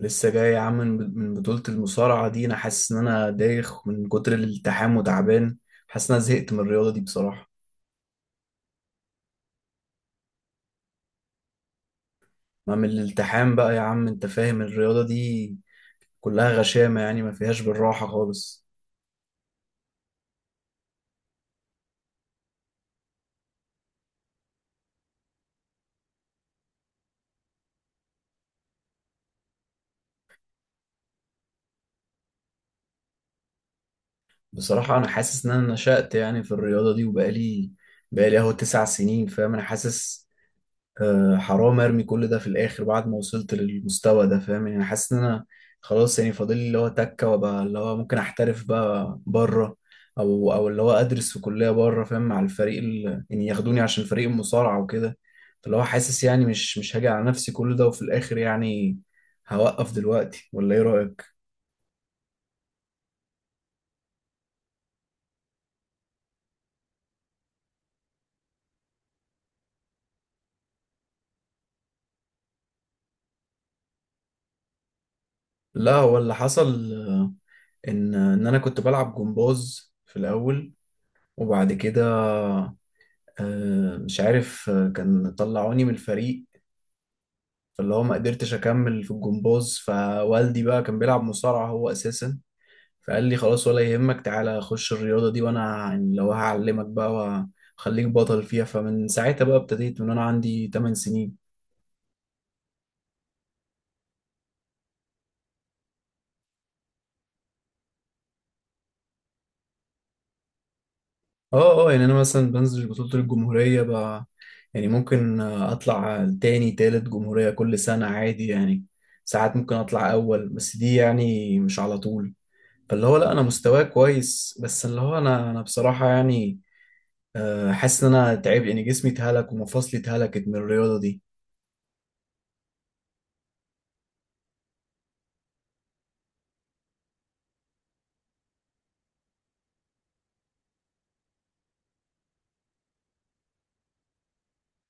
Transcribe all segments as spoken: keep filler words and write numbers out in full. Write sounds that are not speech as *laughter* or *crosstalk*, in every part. لسه جاي يا عم من من بطولة المصارعة دي، انا حاسس ان انا دايخ من كتر الالتحام وتعبان. حاسس ان انا زهقت من الرياضة دي بصراحة. ما من الالتحام بقى يا عم، انت فاهم الرياضة دي كلها غشامة، يعني ما فيهاش بالراحة خالص. بصراحة انا حاسس ان انا نشأت يعني في الرياضة دي، وبقالي بقالي اهو تسع سنين فاهم. انا حاسس آه، حرام ارمي كل ده في الاخر بعد ما وصلت للمستوى ده، فاهم يعني. حاسس ان انا خلاص يعني فاضل لي اللي هو تكه، وابقى اللي هو ممكن احترف بقى بره، او او اللي هو ادرس في كليه بره، فاهم، مع الفريق ال... يعني ياخدوني عشان فريق المصارعه وكده. فاللي هو حاسس يعني مش مش هاجي على نفسي كل ده وفي الاخر يعني هوقف دلوقتي، ولا ايه رايك؟ لا، هو اللي حصل آه، ان ان انا كنت بلعب جمباز في الاول، وبعد كده آه، مش عارف، آه، كان طلعوني من الفريق. فاللي هو ما قدرتش اكمل في الجمباز، فوالدي بقى كان بيلعب مصارعة هو اساسا، فقال لي خلاص ولا يهمك، تعالى خش الرياضة دي وانا يعني لو هعلمك بقى وخليك بطل فيها. فمن ساعتها بقى ابتديت من انا عندي 8 سنين. اه اه، يعني انا مثلا بنزل بطولة الجمهورية بقى، يعني ممكن اطلع تاني تالت جمهورية كل سنة عادي يعني. ساعات ممكن اطلع اول، بس دي يعني مش على طول. فاللي هو لا، انا مستواي كويس، بس اللي هو انا انا بصراحة يعني أه، حاسس ان انا تعبت، ان جسمي اتهلك ومفاصلي اتهلكت من الرياضه دي.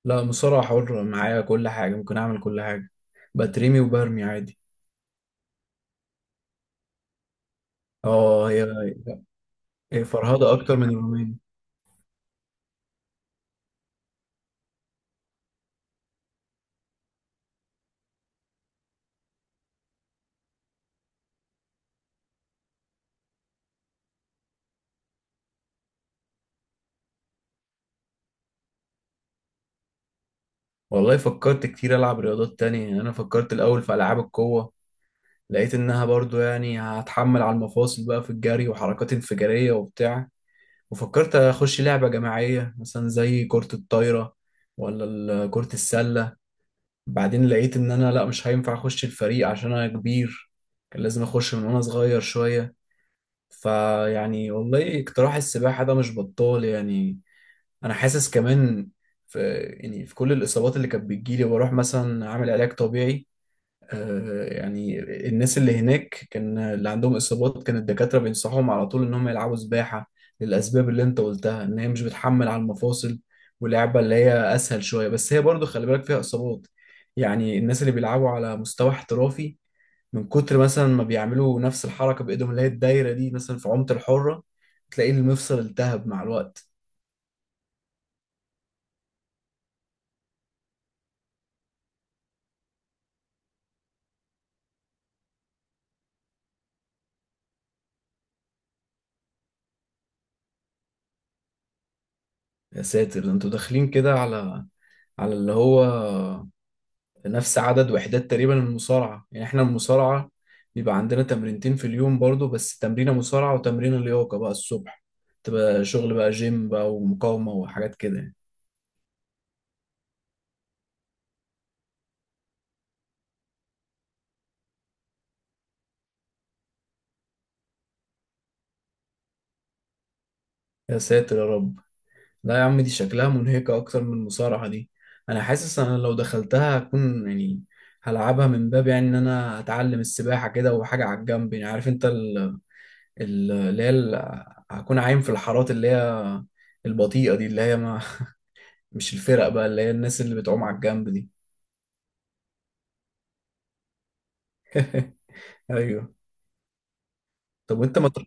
لا، مصارعه حره معايا، كل حاجه ممكن اعمل، كل حاجه بترمي وبرمي عادي. اه هي. هي فرهده اكتر من الروماني. والله فكرت كتير العب رياضات تانية. يعني انا فكرت الاول في العاب القوه، لقيت انها برضو يعني هتحمل على المفاصل بقى في الجري وحركات انفجاريه وبتاع. وفكرت اخش لعبه جماعيه مثلا زي كره الطايره ولا ال- كره السله. بعدين لقيت ان انا لا، مش هينفع اخش الفريق عشان انا كبير، كان لازم اخش من وانا صغير شوية. فيعني والله اقتراح السباحة ده مش بطال يعني. انا حاسس كمان في، يعني في كل الاصابات اللي كانت بتجيلي بروح مثلا اعمل علاج طبيعي، آه، يعني الناس اللي هناك، كان اللي عندهم اصابات كان الدكاتره بينصحهم على طول ان هم يلعبوا سباحه، للاسباب اللي انت قلتها ان هي مش بتحمل على المفاصل، ولعبه اللي هي اسهل شويه. بس هي برضو خلي بالك، فيها اصابات، يعني الناس اللي بيلعبوا على مستوى احترافي، من كتر مثلا ما بيعملوا نفس الحركه بايدهم اللي هي الدايره دي مثلا في عمق الحره، تلاقي المفصل التهب مع الوقت. يا ساتر، ده انتوا داخلين كده على، على اللي هو نفس عدد وحدات تقريبا من المصارعة. يعني احنا المصارعة بيبقى عندنا تمرينتين في اليوم برضو، بس تمرينة مصارعة وتمرينة لياقة بقى الصبح، تبقى شغل بقى جيم بقى ومقاومة وحاجات كده يعني. يا ساتر يا رب، لا يا عم دي شكلها منهكة أكتر من المصارعة دي. أنا حاسس أنا لو دخلتها هكون يعني هلعبها من باب يعني إن أنا هتعلم السباحة كده وحاجة على الجنب، يعني عارف أنت ال- ال- اللي هي ال- هكون عايم في الحارات اللي هي البطيئة دي، اللي هي ما مش الفرق بقى، اللي هي الناس اللي بتعوم على الجنب دي. ايوه. طب وانت ما تر-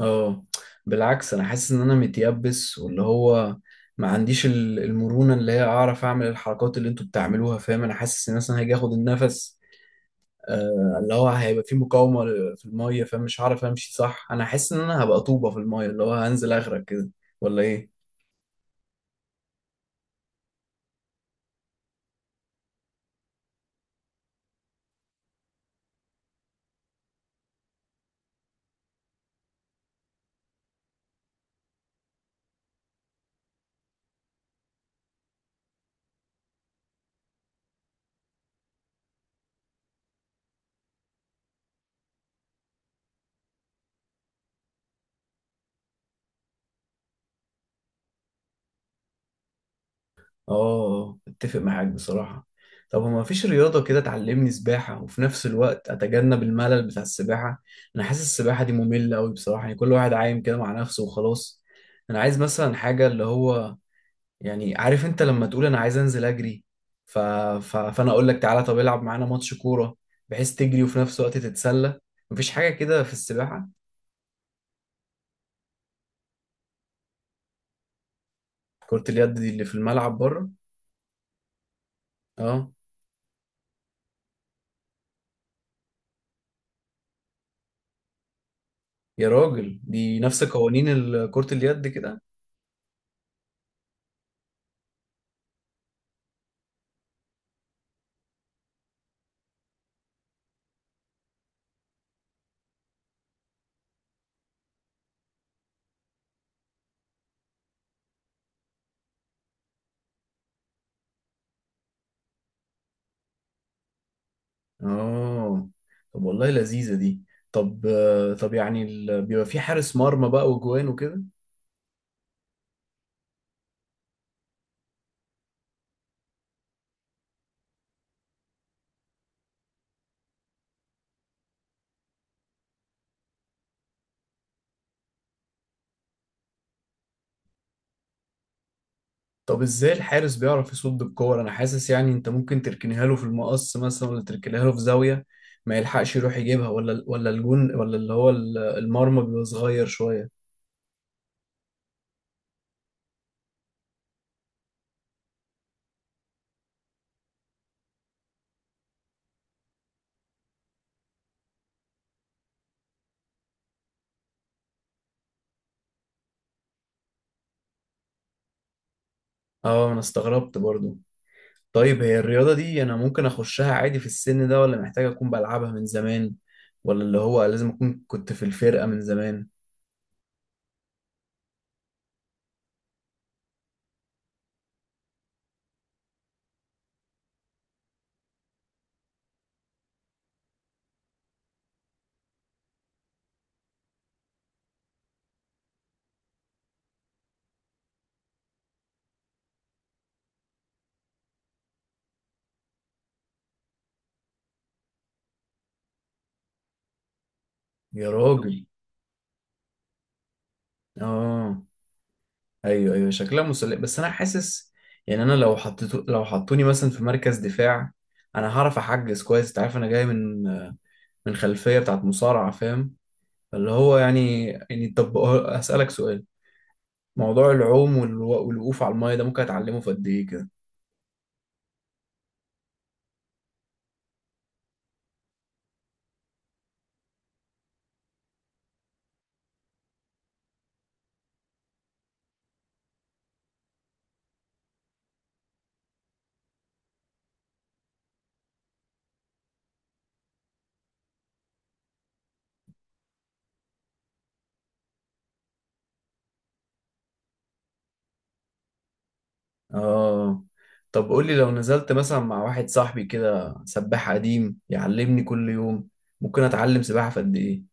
اه بالعكس، انا حاسس ان انا متيبس، واللي هو ما عنديش ال- المرونة اللي هي اعرف اعمل الحركات اللي انتوا بتعملوها، فاهم. انا حاسس ان مثلا هاجي اخد النفس، آه اللي هو هيبقى في مقاومة ل- في المية، فاهم، مش هعرف امشي صح. انا حاسس ان انا هبقى طوبة في المية، اللي هو هنزل اغرق كده ولا ايه؟ اه، اتفق معاك بصراحة. طب هو مفيش رياضة كده تعلمني سباحة وفي نفس الوقت أتجنب الملل بتاع السباحة؟ أنا حاسس السباحة دي مملة أوي بصراحة، يعني كل واحد عايم كده مع نفسه وخلاص. أنا عايز مثلا حاجة اللي هو، يعني عارف أنت لما تقول أنا عايز أنزل أجري، ف... ف... فأنا أقول لك تعالى طب العب معانا ماتش كورة، بحيث تجري وفي نفس الوقت تتسلى. مفيش حاجة كده في السباحة. كرة اليد دي اللي في الملعب بره؟ أه. يا راجل دي نفس قوانين ال- كرة اليد كده. اه. طب والله لذيذة دي. طب آه، طب يعني ال... بيبقى في حارس مرمى بقى وجوان وكده؟ طب ازاي الحارس بيعرف يصد الكور؟ انا حاسس يعني انت ممكن تركنيها له في المقص مثلا، ولا تركنيها له في زاوية ما يلحقش يروح يجيبها، ولا ولا الجون، ولا اللي هو ال- المرمى بيبقى صغير شوية؟ اه انا استغربت برضو. طيب هي الرياضة دي انا ممكن اخشها عادي في السن ده، ولا محتاج اكون بلعبها من زمان، ولا اللي هو لازم اكون كنت في الفرقة من زمان؟ يا راجل. اه ايوه ايوه، شكلها مسلية. بس انا حاسس يعني انا لو حطيتو، لو حطوني مثلا في مركز دفاع، انا هعرف احجز كويس. انت عارف انا جاي من، من خلفية بتاعت مصارعة، فاهم اللي هو يعني. يعني طب أه، اسالك سؤال، موضوع العوم والو- والوقوف على المايه ده ممكن اتعلمه في قد ايه كده؟ اه. طب قول لي لو نزلت مثلا مع واحد صاحبي كده سباح قديم يعلمني كل يوم، ممكن اتعلم سباحة في قد ايه؟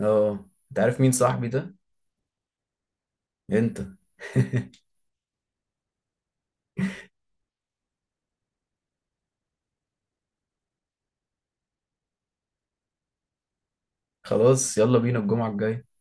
اه، انت عارف مين صاحبي ده؟ انت. *laughs* خلاص، يلا بينا الجمعة الجاية.